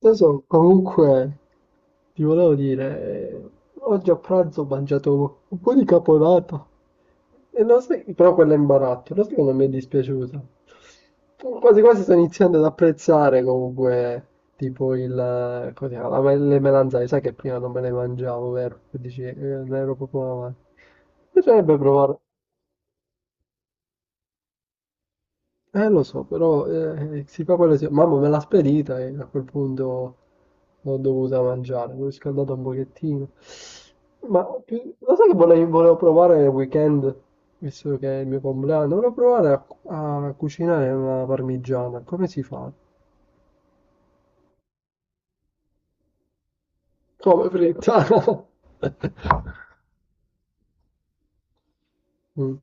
Adesso comunque ti volevo dire, eh, oggi a pranzo ho mangiato un po' di caponata, e lo sai, però quella in barattolo, lo sai che non mi è dispiaciuta. Quasi quasi sto iniziando ad apprezzare comunque tipo come si chiama, le melanzane, sai che prima non me le mangiavo, vero? Che dici, non ero proprio una mano. Bisognerebbe provare, lo so, però si fa quello che si... Mamma me l'ha spedita e a quel punto... L'ho dovuta mangiare, l'ho riscaldata un pochettino. Lo sai che volevo provare nel weekend, visto che è il mio compleanno, volevo provare a cucinare una parmigiana. Come si fa? Come fritta? Mm.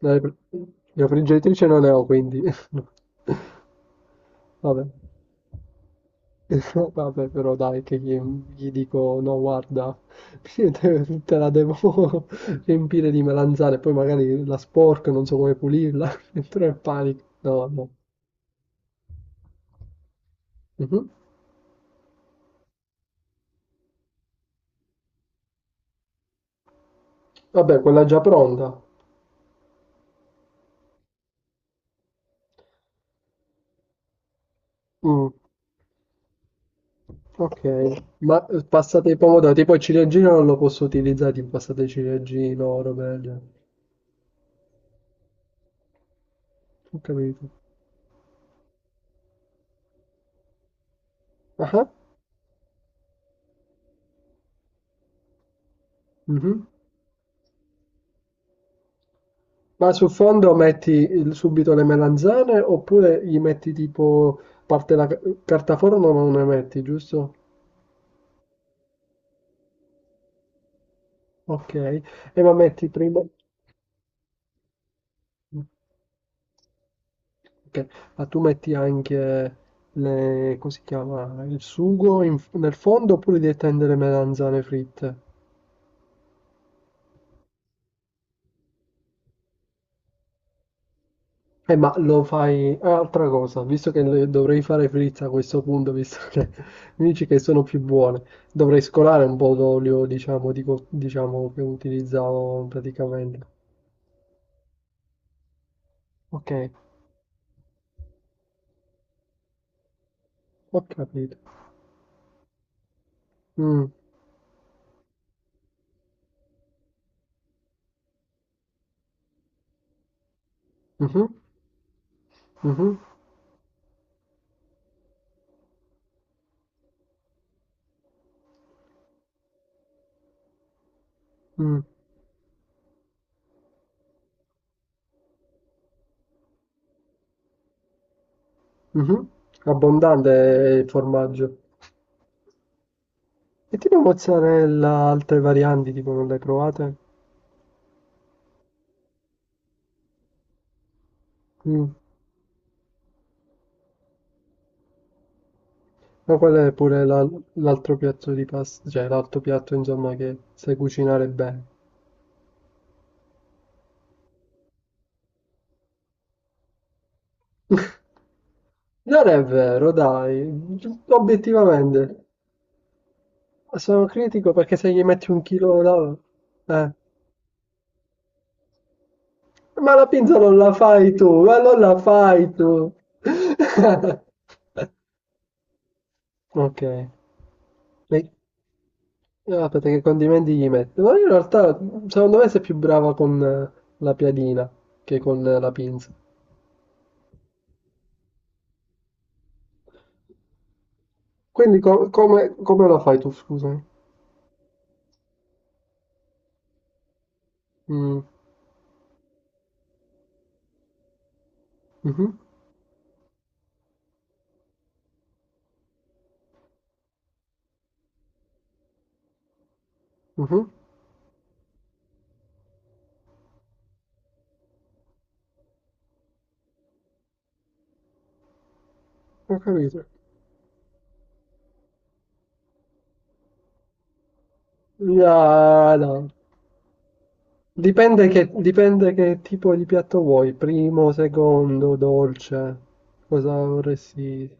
La, la friggitrice non ne ho, quindi... Vabbè. Vabbè però dai che gli dico no guarda, te la devo riempire di melanzane, poi magari la sporco, non so come pulirla, entro nel panico. No, no. Mhm. Vabbè, quella è già pronta. Mm, ok, ma passate i pomodori, tipo il ciliegino non lo posso utilizzare, tipo passate il ciliegino, roba del genere. Ho capito. Ah, ah. Mhm. Ma sul fondo metti il subito le melanzane oppure gli metti tipo parte la ca- carta forno non ne metti, giusto? Ok. E ma metti prima ok. Ma tu metti anche le, come si chiama, nel fondo oppure devi tendere melanzane fritte? Ma lo fai... ah, altra cosa, visto che dovrei fare frizza a questo punto, visto che mi dici che sono più buone, dovrei scolare un po' d'olio, diciamo, diciamo, che utilizzavo praticamente. Ok, ho capito. Mm, mhm, mhm, mm, mhm. Abbondante il formaggio. E tipo mozzarella, altre varianti, tipo non le hai provate? Mm. Ma quello è pure la- l'altro piatto di pasta, cioè l'altro piatto insomma che sai cucinare bene. Non è vero, dai, obiettivamente. Sono critico perché se gli metti un chilo là- eh. Ma la pinza non la fai tu, ma non la fai tu. Ok. Ah, aspetta, che condimenti gli metto? Ma io in realtà, secondo me, sei più brava con la piadina che con la pinza. Quindi come, come la fai tu, scusami? Mm. Mhm. Mhm. Ho capito. No, no. Dipende che tipo di piatto vuoi, primo, secondo, dolce, cosa vorresti...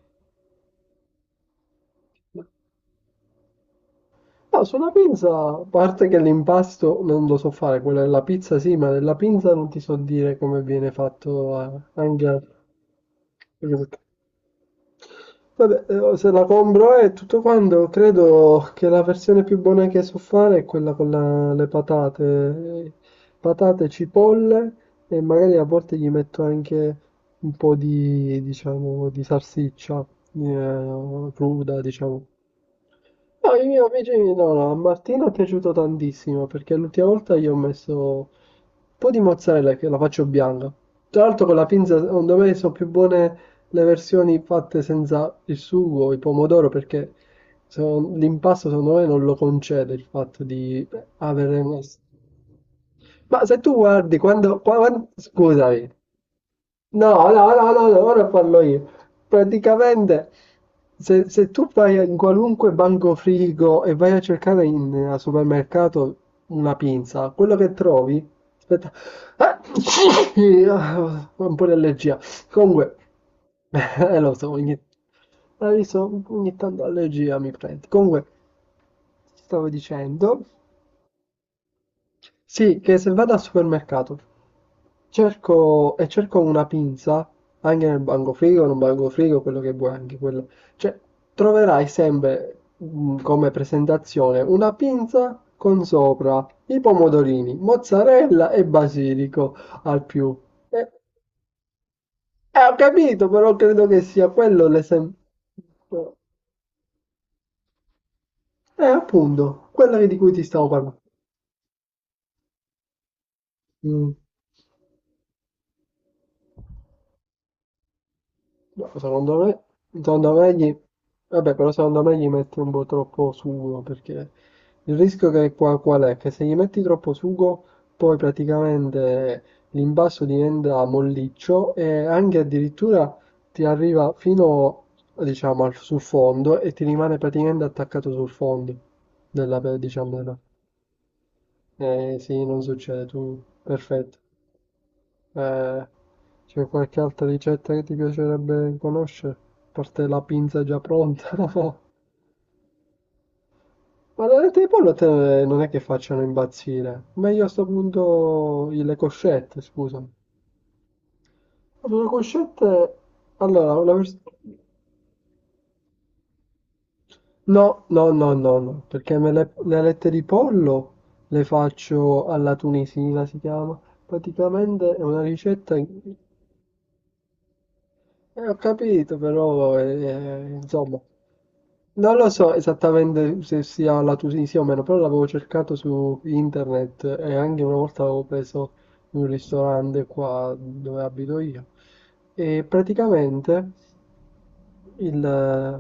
No, sulla pizza, a parte che l'impasto non lo so fare, quella della pizza sì, ma della pizza non ti so dire come viene fatto anche... Vabbè, se la compro e tutto quanto, credo che la versione più buona che so fare è quella con le patate, cipolle e magari a volte gli metto anche un po' di, diciamo, di salsiccia cruda, diciamo. No, io invece no, no, a Martino è piaciuto tantissimo perché l'ultima volta gli ho messo un po' di mozzarella che la faccio bianca. Tra l'altro con la pinza, secondo me, sono più buone le versioni fatte senza il sugo, il pomodoro, perché l'impasto secondo me non lo concede il fatto di avere... Ma se tu guardi, quando, scusami, no, no, no, no, no, ora parlo io. Praticamente, se tu vai in qualunque banco frigo e vai a cercare al supermercato una pinza, quello che trovi, aspetta, ah, ah, un po' di allergia. Comunque, lo so, hai visto? Ogni tanto allergia mi prende. Comunque, ti stavo dicendo, sì, che se vado al supermercato cerco e cerco una pinza anche nel bancofrigo, non bancofrigo, quello che vuoi, anche quello. Cioè, troverai sempre, come presentazione, una pinza con sopra i pomodorini, mozzarella e basilico al più. Eh, ho capito, però credo che sia quello l'esempio. Appunto, quello di cui ti stavo parlando. Mm. No, secondo me, gli... Vabbè, però secondo me gli metti un po' troppo sugo, perché il rischio che qual è? Che se gli metti troppo sugo, poi praticamente l'imbasso diventa molliccio e anche addirittura ti arriva fino, diciamo, sul fondo e ti rimane praticamente attaccato sul fondo della, diciamo, della... Eh sì, non succede, tu... Perfetto. Eh, c'è qualche altra ricetta che ti piacerebbe conoscere? A parte la pinza già pronta. Ma le alette di pollo a te non è che facciano imbazzire. Meglio a sto punto le coscette, scusami. Allora, le coscette... Allora, no, no, no, no, no, perché le alette di pollo le faccio alla tunisina, si chiama. Praticamente è una ricetta... ho capito, però, insomma... Non lo so esattamente se sia la Tunisia o meno, però l'avevo cercato su internet e anche una volta l'avevo preso in un ristorante qua dove abito io. E praticamente il-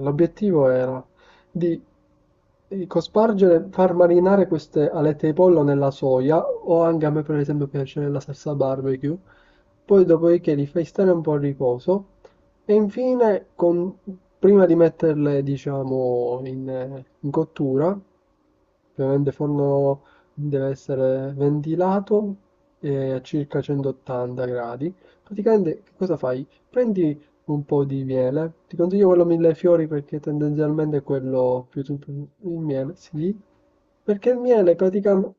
l'obiettivo era di cospargere, far marinare queste alette di pollo nella soia o anche a me per esempio piace la salsa barbecue, poi dopodiché li fai stare un po' a riposo e infine, prima di metterle, diciamo, in cottura, ovviamente il forno deve essere ventilato a circa 180 gradi. Praticamente che cosa fai? Prendi un po' di miele, ti consiglio quello mille fiori perché tendenzialmente è quello più tutto il miele, sì, perché il miele praticamente...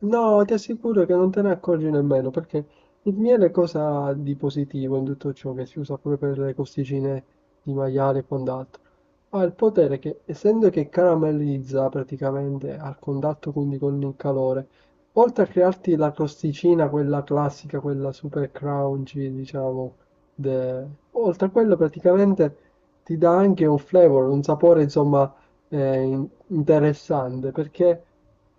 No, ti assicuro che non te ne accorgi nemmeno perché il miele cosa ha di positivo in tutto ciò che si usa pure per le costicine di maiale e quant'altro? Ha il potere che, essendo che caramellizza praticamente al contatto quindi con il calore, oltre a crearti la crosticina, quella classica, quella super crunchy, diciamo, de- oltre a quello praticamente ti dà anche un flavor, un sapore insomma interessante, perché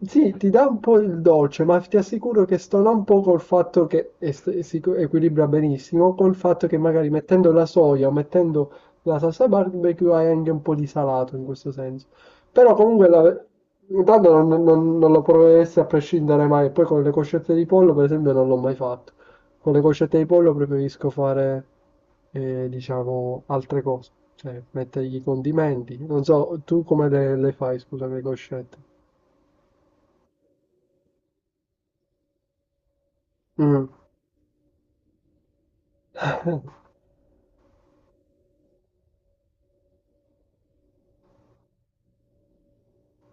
sì, ti dà un po' il dolce, ma ti assicuro che stona un po' col fatto che equilibra benissimo, col fatto che magari mettendo la soia o mettendo la salsa barbecue hai anche un po' di salato in questo senso. Però comunque intanto non lo proveresti a prescindere mai. Poi con le coscette di pollo, per esempio, non l'ho mai fatto. Con le coscette di pollo preferisco fare, diciamo, altre cose, cioè mettergli i condimenti. Non so, tu come le fai, scusami, le coscette? Mm.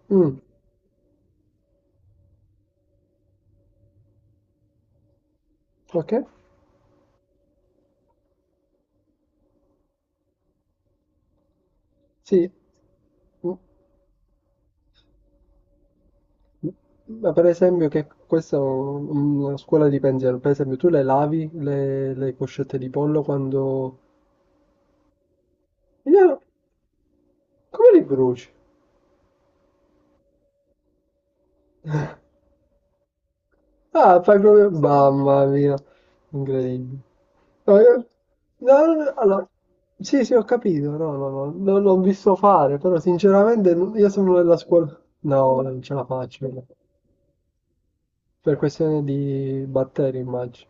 Mm, ok, sì, mm, mm. Ma per esempio che questa è una scuola di pensiero, per esempio tu le lavi le coscette di pollo quando... no, come li bruci? Ah, fai proprio... Mamma mia, incredibile. No, no, no, no, allora, sì, sì, ho capito, no, no, no, non l'ho visto fare, però sinceramente io sono nella scuola... No, non ce la faccio, per questione di batteri, immagino.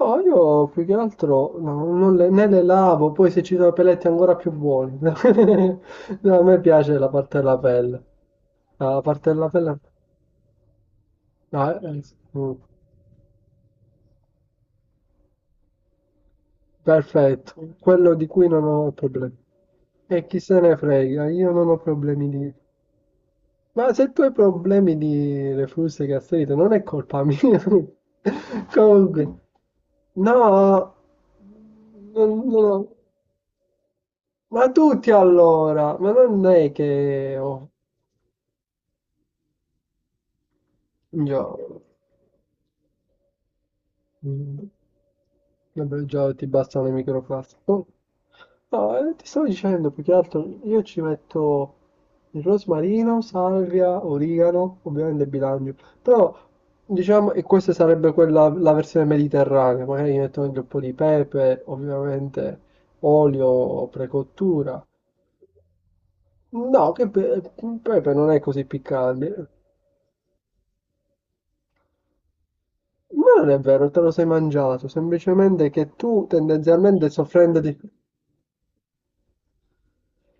No, io più che altro no, non le, né le lavo, poi se ci sono peletti ancora più buoni. No, a me piace la parte della pelle. La parte della pelle... no, sì. Mm. Perfetto, quello di cui non ho problemi. E chi se ne frega, io non ho problemi di... Ma se tu hai problemi di reflusso e gastrite, non è colpa mia. Comunque, no, non ho- ma tutti allora, ma non è che oh, io... mm, vabbè, già ti bastano le microplastiche. Oh, no, ti stavo dicendo, più che altro, io ci metto il rosmarino, salvia, origano, ovviamente bilancio. Però, diciamo, e questa sarebbe quella, la versione mediterranea. Magari gli metto anche un po' di pepe, ovviamente olio, precottura. No, che pepe non è così piccante. Ma non è vero, te lo sei mangiato, semplicemente che tu tendenzialmente soffrendo di...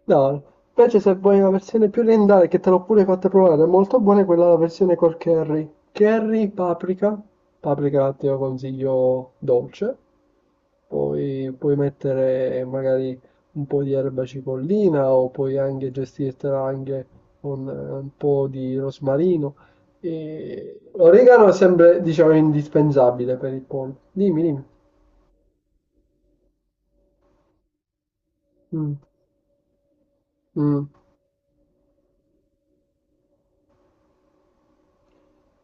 No, invece se vuoi una versione più orientale che te l'ho pure fatta provare, è molto buona quella la versione col curry. Curry, paprika, paprika te lo consiglio dolce, poi puoi mettere magari un po' di erba cipollina o puoi anche gestirtela anche con un po' di rosmarino. E... l'origano è sempre, diciamo, indispensabile per il pollo. Dimmi, dimmi. Mm. Mm.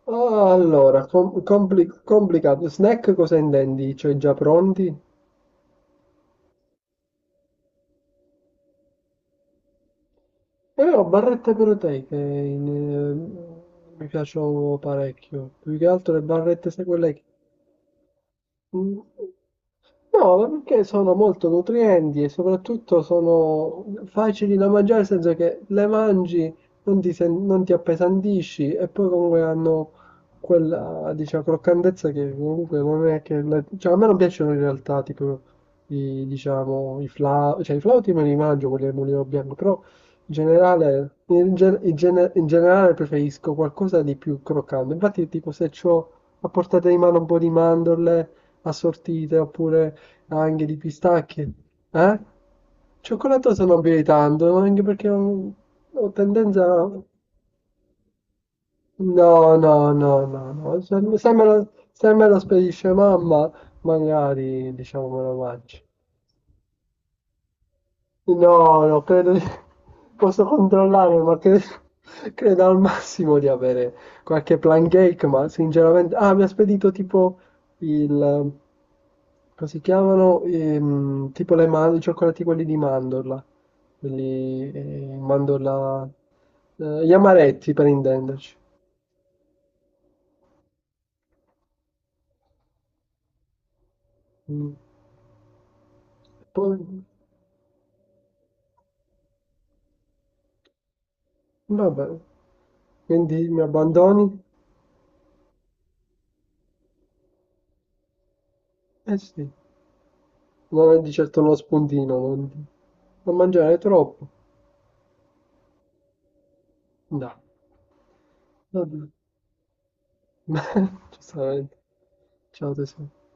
Ah, allora, complicato. Snack cosa intendi? Cioè già pronti? Ho barrette proteiche, mi piacciono parecchio. Più che altro le barrette, sai quelle che... Mm. No, ma perché sono molto nutrienti e soprattutto sono facili da mangiare, nel senso che le mangi, non ti appesantisci e poi comunque hanno quella, diciamo, croccantezza che comunque non è che... cioè, a me non piacciono in realtà, tipo, diciamo, i flauti, cioè i flauti me li mangio, quelli del mulino bianco, però in generale, in generale preferisco qualcosa di più croccante. Infatti, tipo, se ho a portata di mano un po' di mandorle assortite oppure anche di pistacchi? Eh? Cioccolato sto non più di tanto, anche perché ho tendenza... No, no, no, no, no. Se me lo spedisce mamma, magari, diciamo, me lo mangio. No, no, credo di... posso controllare, ma credo, al massimo di avere qualche plan cake, ma sinceramente... Ah, mi ha spedito tipo il... Come si chiamano? Tipo i cioccolati quelli di mandorla, quelli mandorla... gli amaretti per intenderci. Mm. Poi, vabbè, quindi mi abbandoni? Eh sì, non è di certo uno spuntino, non mangiare troppo. No. Vabbè, giustamente. Ciao tesoro.